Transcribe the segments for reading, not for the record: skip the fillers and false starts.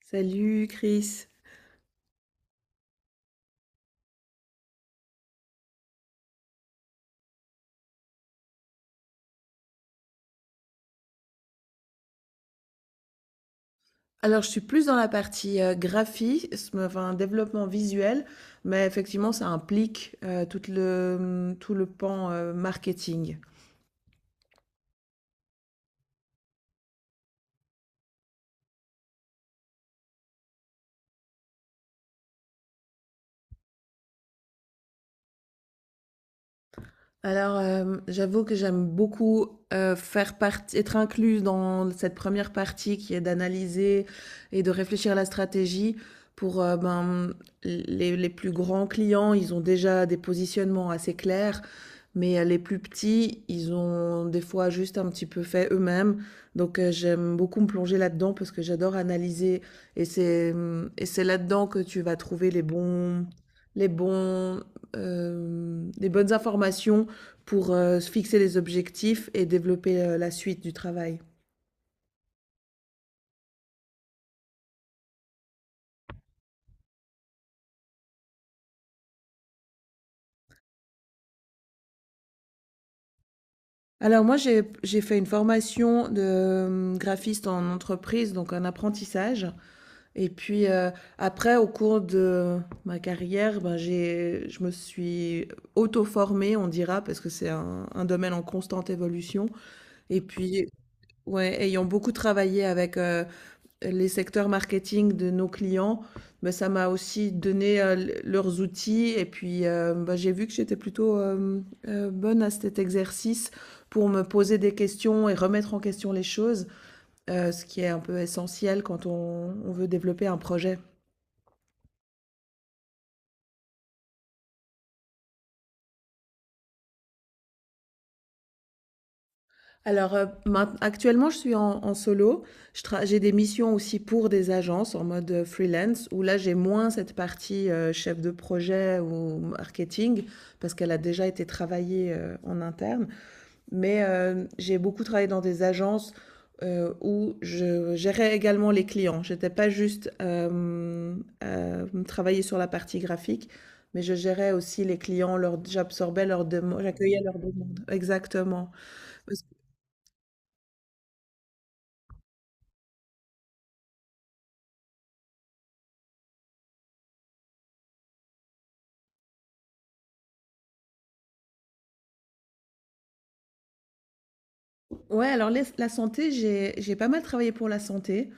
Salut Chris. Alors, je suis plus dans la partie graphisme, enfin développement visuel, mais effectivement, ça implique tout le, tout le pan marketing. Alors, j'avoue que j'aime beaucoup faire partie, être incluse dans cette première partie qui est d'analyser et de réfléchir à la stratégie pour ben, les plus grands clients. Ils ont déjà des positionnements assez clairs. Mais les plus petits, ils ont des fois juste un petit peu fait eux-mêmes. Donc j'aime beaucoup me plonger là-dedans parce que j'adore analyser. Et c'est là-dedans que tu vas trouver les bons les bonnes informations pour se fixer les objectifs et développer la suite du travail. Alors moi j'ai fait une formation de graphiste en entreprise, donc un apprentissage. Et puis après au cours de ma carrière, ben, j'ai je me suis auto-formée on dira parce que c'est un domaine en constante évolution et puis ouais, ayant beaucoup travaillé avec, les secteurs marketing de nos clients, ben ça m'a aussi donné, l leurs outils et puis, bah, j'ai vu que j'étais plutôt, bonne à cet exercice pour me poser des questions et remettre en question les choses, ce qui est un peu essentiel quand on veut développer un projet. Alors, maint actuellement, je suis en solo. Je tra J'ai des missions aussi pour des agences en mode, freelance où là, j'ai moins cette partie, chef de projet ou marketing parce qu'elle a déjà été travaillée, en interne. Mais, j'ai beaucoup travaillé dans des agences, où je gérais également les clients. J'étais pas juste, travailler sur la partie graphique, mais je gérais aussi les clients, leurs j'absorbais leurs demandes, j'accueillais leurs demandes. Exactement. Ouais, alors la santé, j'ai pas mal travaillé pour la santé,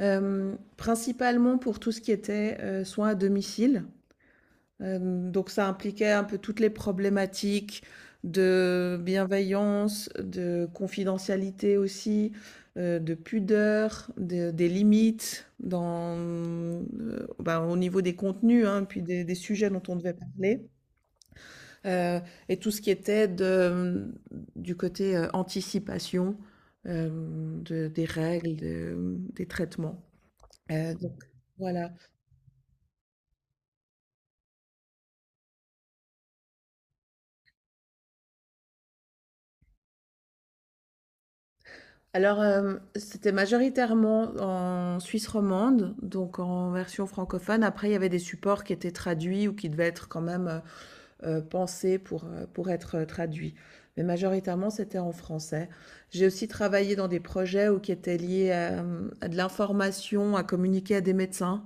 principalement pour tout ce qui était soins à domicile. Donc ça impliquait un peu toutes les problématiques de bienveillance, de confidentialité aussi, de pudeur, des limites dans, ben, au niveau des contenus, hein, puis des sujets dont on devait parler. Euh, et tout ce qui était de, du côté anticipation euh, des règles, des traitements. Donc, voilà. Alors, c'était majoritairement en Suisse romande, donc en version francophone. Après, il y avait des supports qui étaient traduits ou qui devaient être quand même pensés pour être traduits. Mais majoritairement, c'était en français. J'ai aussi travaillé dans des projets où qui étaient liés à de l'information, à communiquer à des médecins.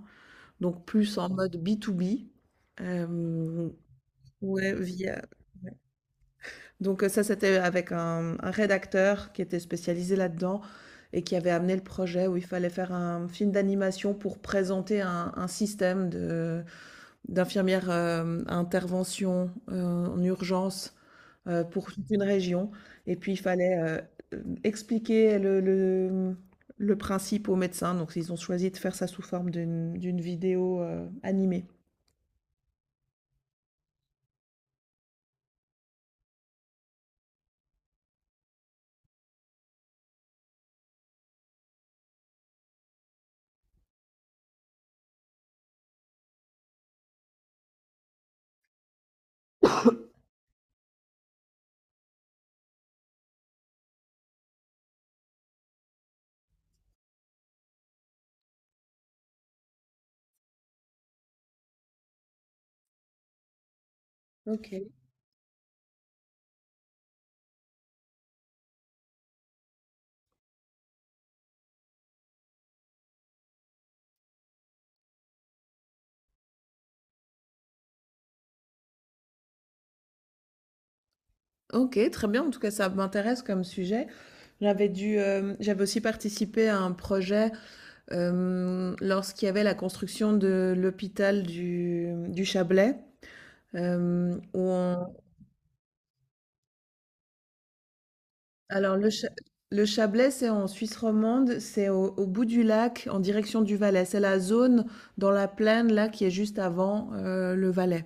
Donc plus en mode b to b. Hem, ouais, via donc ça, c'était avec un rédacteur qui était spécialisé là-dedans et qui avait amené le projet où il fallait faire un film d'animation pour présenter un système de d'infirmières, à intervention, en urgence, pour toute une région et puis il fallait, expliquer le, le principe aux médecins, donc ils ont choisi de faire ça sous forme d'une vidéo, animée. OK. OK, très bien. En tout cas, ça m'intéresse comme sujet. J'avais dû, j'avais aussi participé à un projet, lorsqu'il y avait la construction de l'hôpital du Chablais, où on alors le Cha le Chablais, c'est en Suisse romande, c'est au bout du lac, en direction du Valais. C'est la zone dans la plaine là qui est juste avant, le Valais.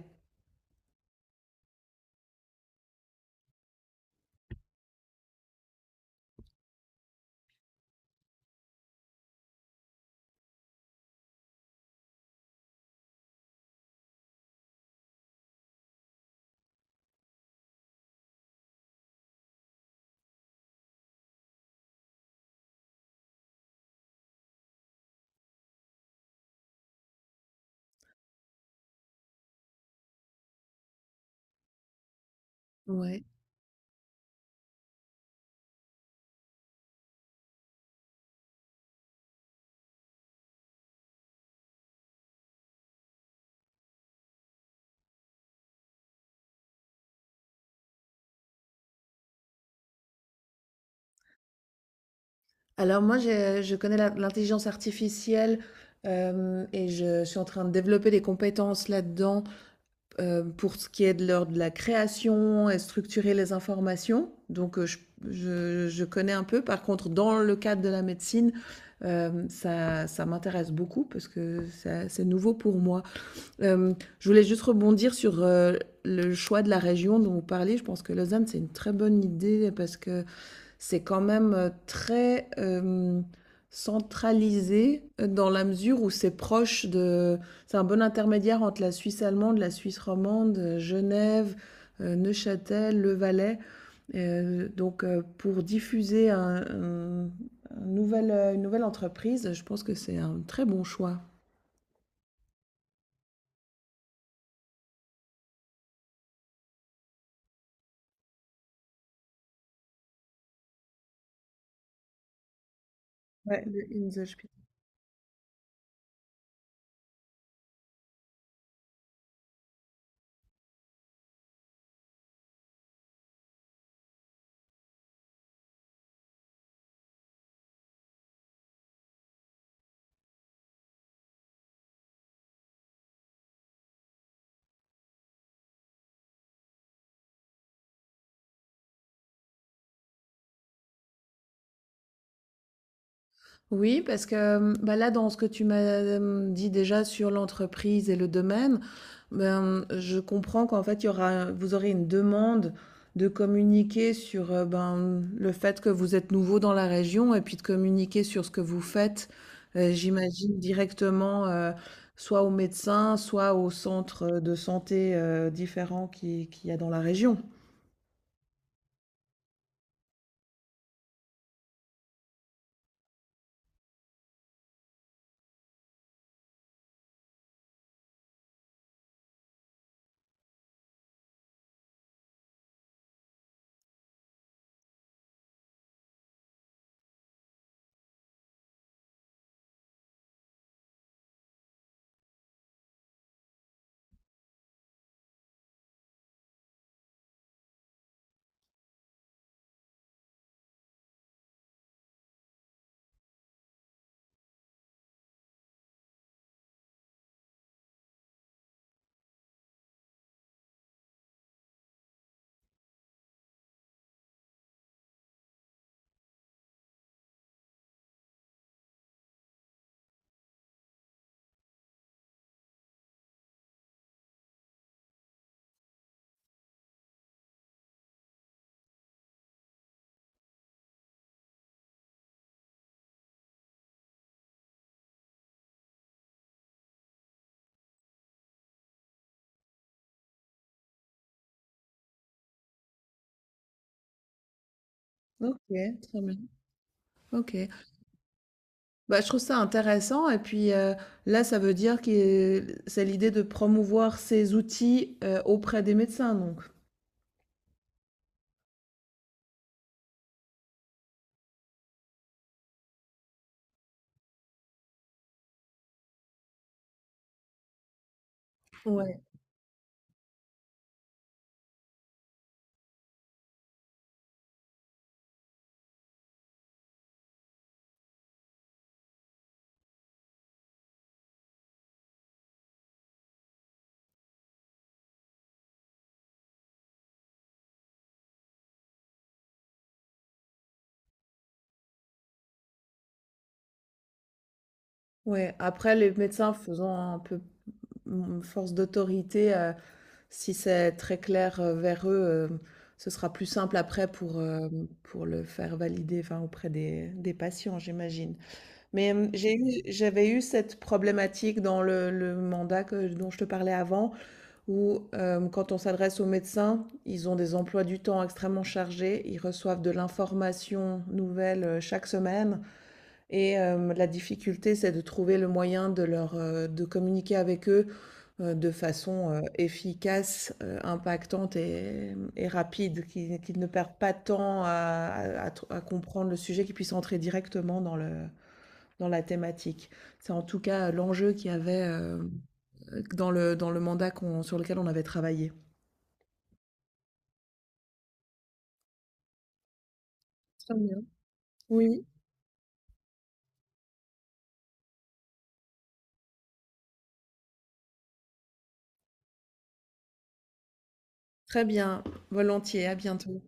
Ouais. Alors moi, j'ai je connais l'intelligence artificielle, hem et je suis en train de développer des compétences là-dedans. Pour ce qui est de l'ordre de la création et structurer les informations, donc je connais un peu. Par contre, dans le cadre de la médecine, ça m'intéresse beaucoup parce que c'est nouveau pour moi. Je voulais juste rebondir sur, le choix de la région dont vous parliez. Je pense que Lausanne, c'est une très bonne idée parce que, c'est quand même très centralisé dans la mesure où c'est proche de... C'est un bon intermédiaire entre la Suisse allemande, la Suisse romande, Genève, Neuchâtel, Le Valais. Donc pour diffuser un nouvel, une nouvelle entreprise, je pense que c'est un très bon choix. Ouais, le Inselspiel. Oui, parce que bah là, dans ce que tu m'as dit déjà sur l'entreprise et le domaine, ben, je comprends qu'en fait, vous aurez une demande de communiquer sur ben, le fait que vous êtes nouveau dans la région et puis de communiquer sur ce que vous faites, j'imagine directement, soit aux médecins, soit aux centres de santé différents qu'il y a dans la région. Ok, très bien. Ok. Bah, je trouve ça intéressant et puis, là, ça veut dire que c'est l'idée de promouvoir ces outils, auprès des médecins donc? Ouais, ouais. Après les médecins faisant un peu, mmh, force d'autorité, si c'est très clair, vers eux, ce sera plus simple après pour, pour le faire valider, enfin, auprès des patients, j'imagine. Mais, hem, j'ai eu j'avais eu cette problématique dans le mandat que dont je te parlais avant, où quand on s'adresse aux médecins, ils ont des emplois du temps extrêmement chargés, ils reçoivent de l'information nouvelle chaque semaine et la difficulté c'est de trouver le moyen de leur de communiquer avec eux de façon efficace, impactante et rapide, qu'ils ne perdent pas de temps à comprendre le sujet, qu'ils puissent entrer directement dans le dans la thématique. C'est en tout cas l'enjeu qu'il y avait dans le mandat sur lequel on avait travaillé. Très bien. Oui, très bien. Volontiers, à bientôt.